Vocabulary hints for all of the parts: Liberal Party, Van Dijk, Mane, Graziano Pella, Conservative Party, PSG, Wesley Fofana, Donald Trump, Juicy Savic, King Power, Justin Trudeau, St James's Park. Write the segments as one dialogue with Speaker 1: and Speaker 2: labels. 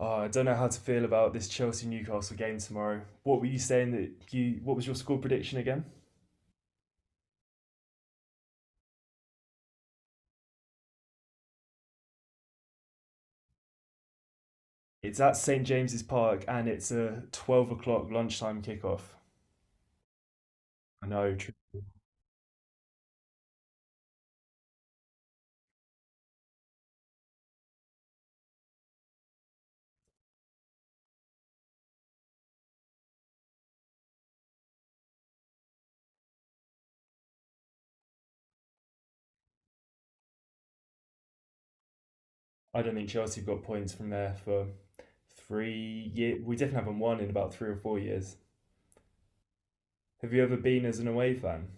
Speaker 1: Oh, I don't know how to feel about this Chelsea Newcastle game tomorrow. What were you saying that you? What was your score prediction again? It's at St James's Park and it's a 12 o'clock lunchtime kickoff. I know. I don't think Chelsea have got points from there for 3 years. We definitely haven't won in about 3 or 4 years. Have you ever been as an away fan?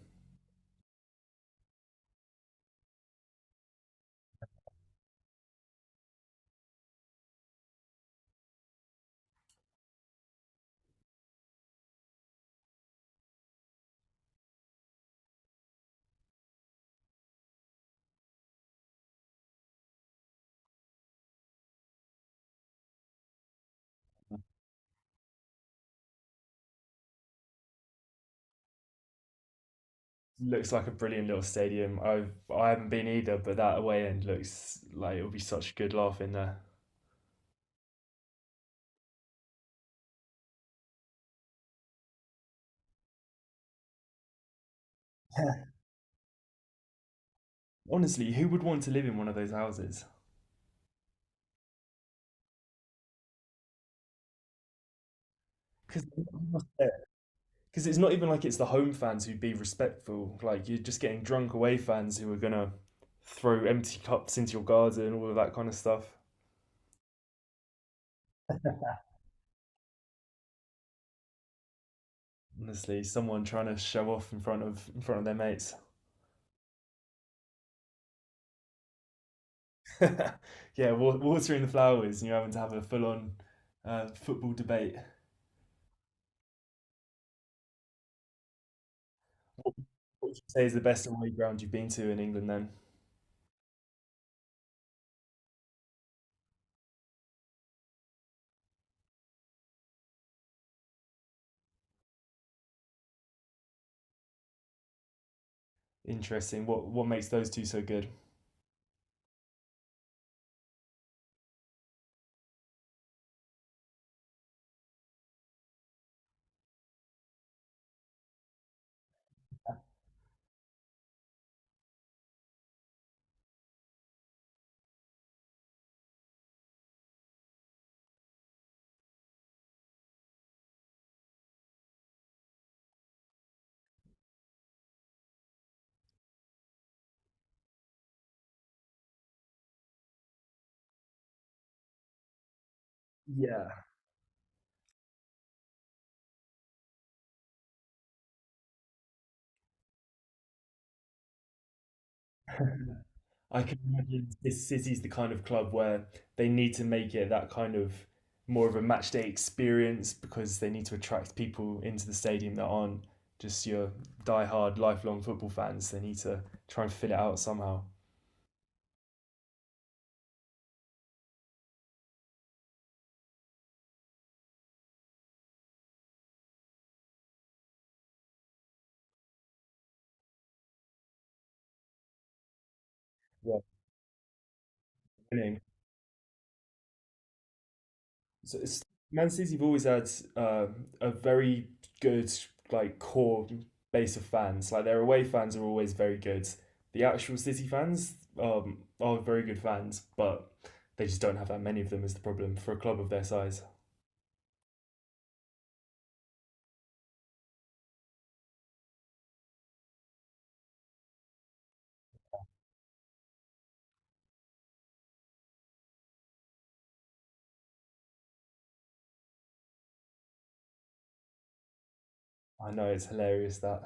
Speaker 1: Looks like a brilliant little stadium. I haven't been either, but that away end looks like it'll be such a good laugh in there. Honestly, who would want to live in one of those houses? Because I must say, because it's not even like it's the home fans who'd be respectful. Like you're just getting drunk away fans who are gonna throw empty cups into your garden, and all of that kind of stuff. Honestly, someone trying to show off in front of their mates. Yeah, watering the flowers, and you're having to have a full on football debate. What what would you say is the best away ground you've been to in England? Then interesting. What makes those two so good? Yeah, I can imagine this city's the kind of club where they need to make it that kind of more of a match day experience because they need to attract people into the stadium that aren't just your die-hard lifelong football fans. They need to try and fill it out somehow. Yeah, so it's Man City have always had uh, a very good like core base of fans. Like their away fans are always very good. The actual City fans are very good fans, but they just don't have that many of them is the problem for a club of their size. I know it's hilarious that.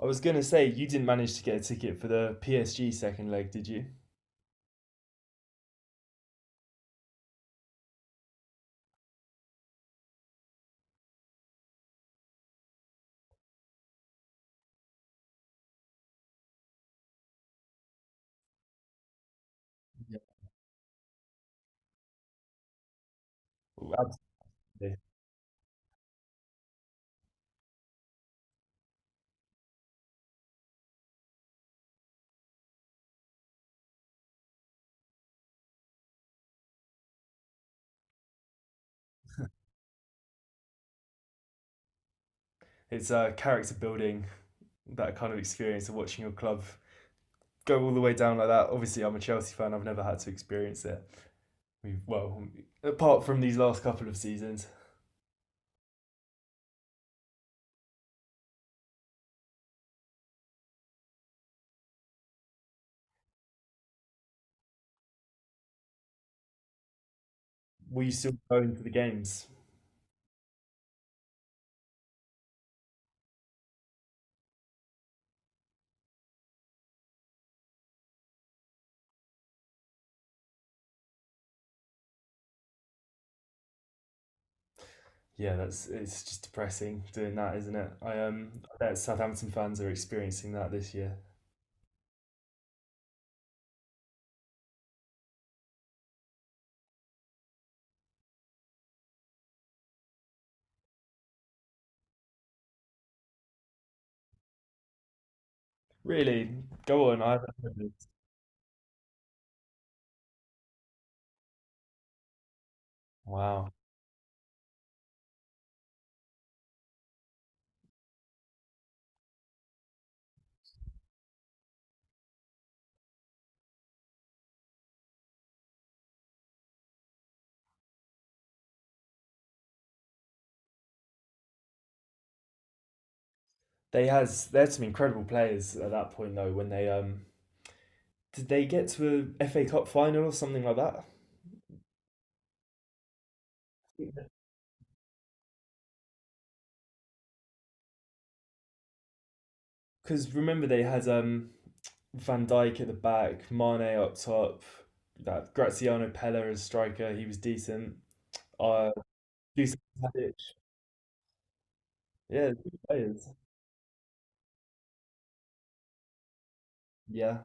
Speaker 1: I was gonna say you didn't manage to get a ticket for the PSG second leg, did you? Yeah. Oh, absolutely. It's character building, that kind of experience of watching your club go all the way down like that. Obviously, I'm a Chelsea fan. I've never had to experience it. We've well, apart from these last couple of seasons, we still go into the games. Yeah, that's it's just depressing doing that, isn't it? I I bet Southampton fans are experiencing that this year. Really, go on. I haven't heard this. Wow, they has they had some incredible players at that point though. When they did they get to a FA Cup final or something like that? Because remember they had Van Dijk at the back, Mane up top, that Graziano Pella as striker. He was decent. Uh, Juicy Savic. Yeah, good players. Yeah.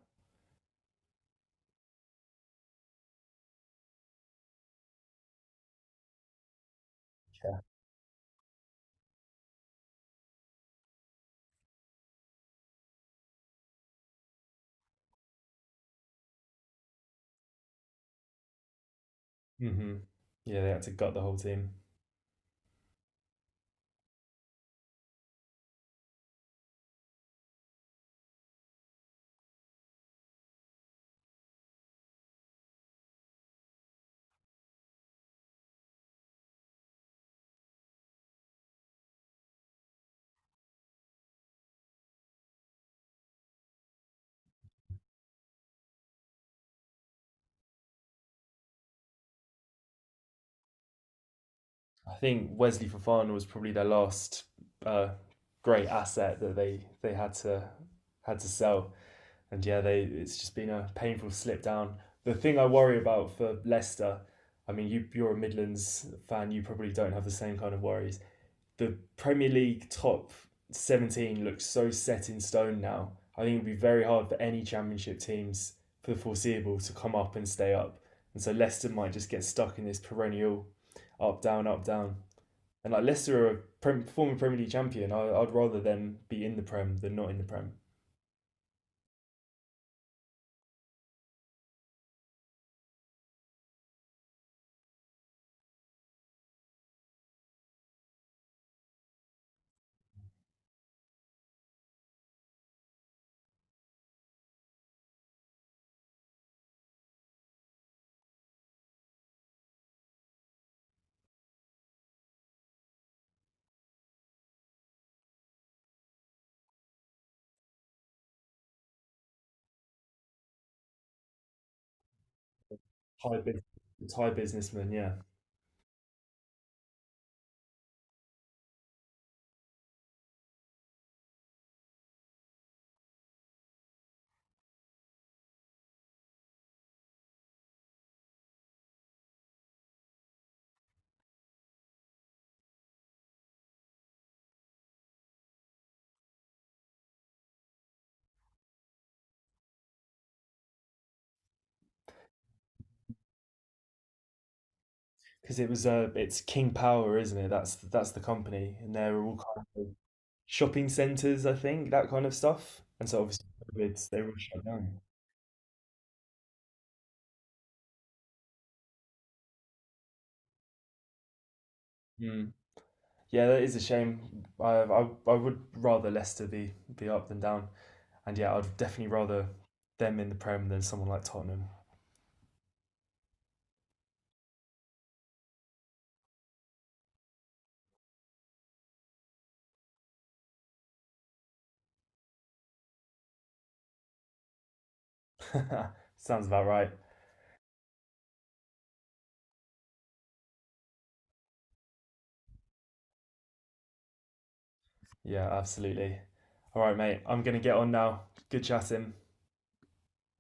Speaker 1: Hmm. Yeah, they had to gut the whole team. I think Wesley Fofana was probably their last uh, great asset that they had to had to sell. And yeah, they it's just been a painful slip down. The thing I worry about for Leicester, I mean, you're a Midlands fan, you probably don't have the same kind of worries. The Premier League top 17 looks so set in stone now. I think it'd be very hard for any championship teams for the foreseeable to come up and stay up. And so Leicester might just get stuck in this perennial up, down, up, down. And like Leicester are a former Premier League champion. I'd rather them be in the Prem than not in the Prem. High, it's high businessman, yeah. Because it was it's King Power, isn't it? That's the company, and they're all kind of shopping centres, I think, that kind of stuff. And so obviously, COVID, they were shut down. Mm. Yeah, that is a shame. I would rather Leicester be up than down. And yeah, I'd definitely rather them in the Prem than someone like Tottenham. Sounds about right. Yeah, absolutely. All right, mate. I'm gonna get on now. Good chatting.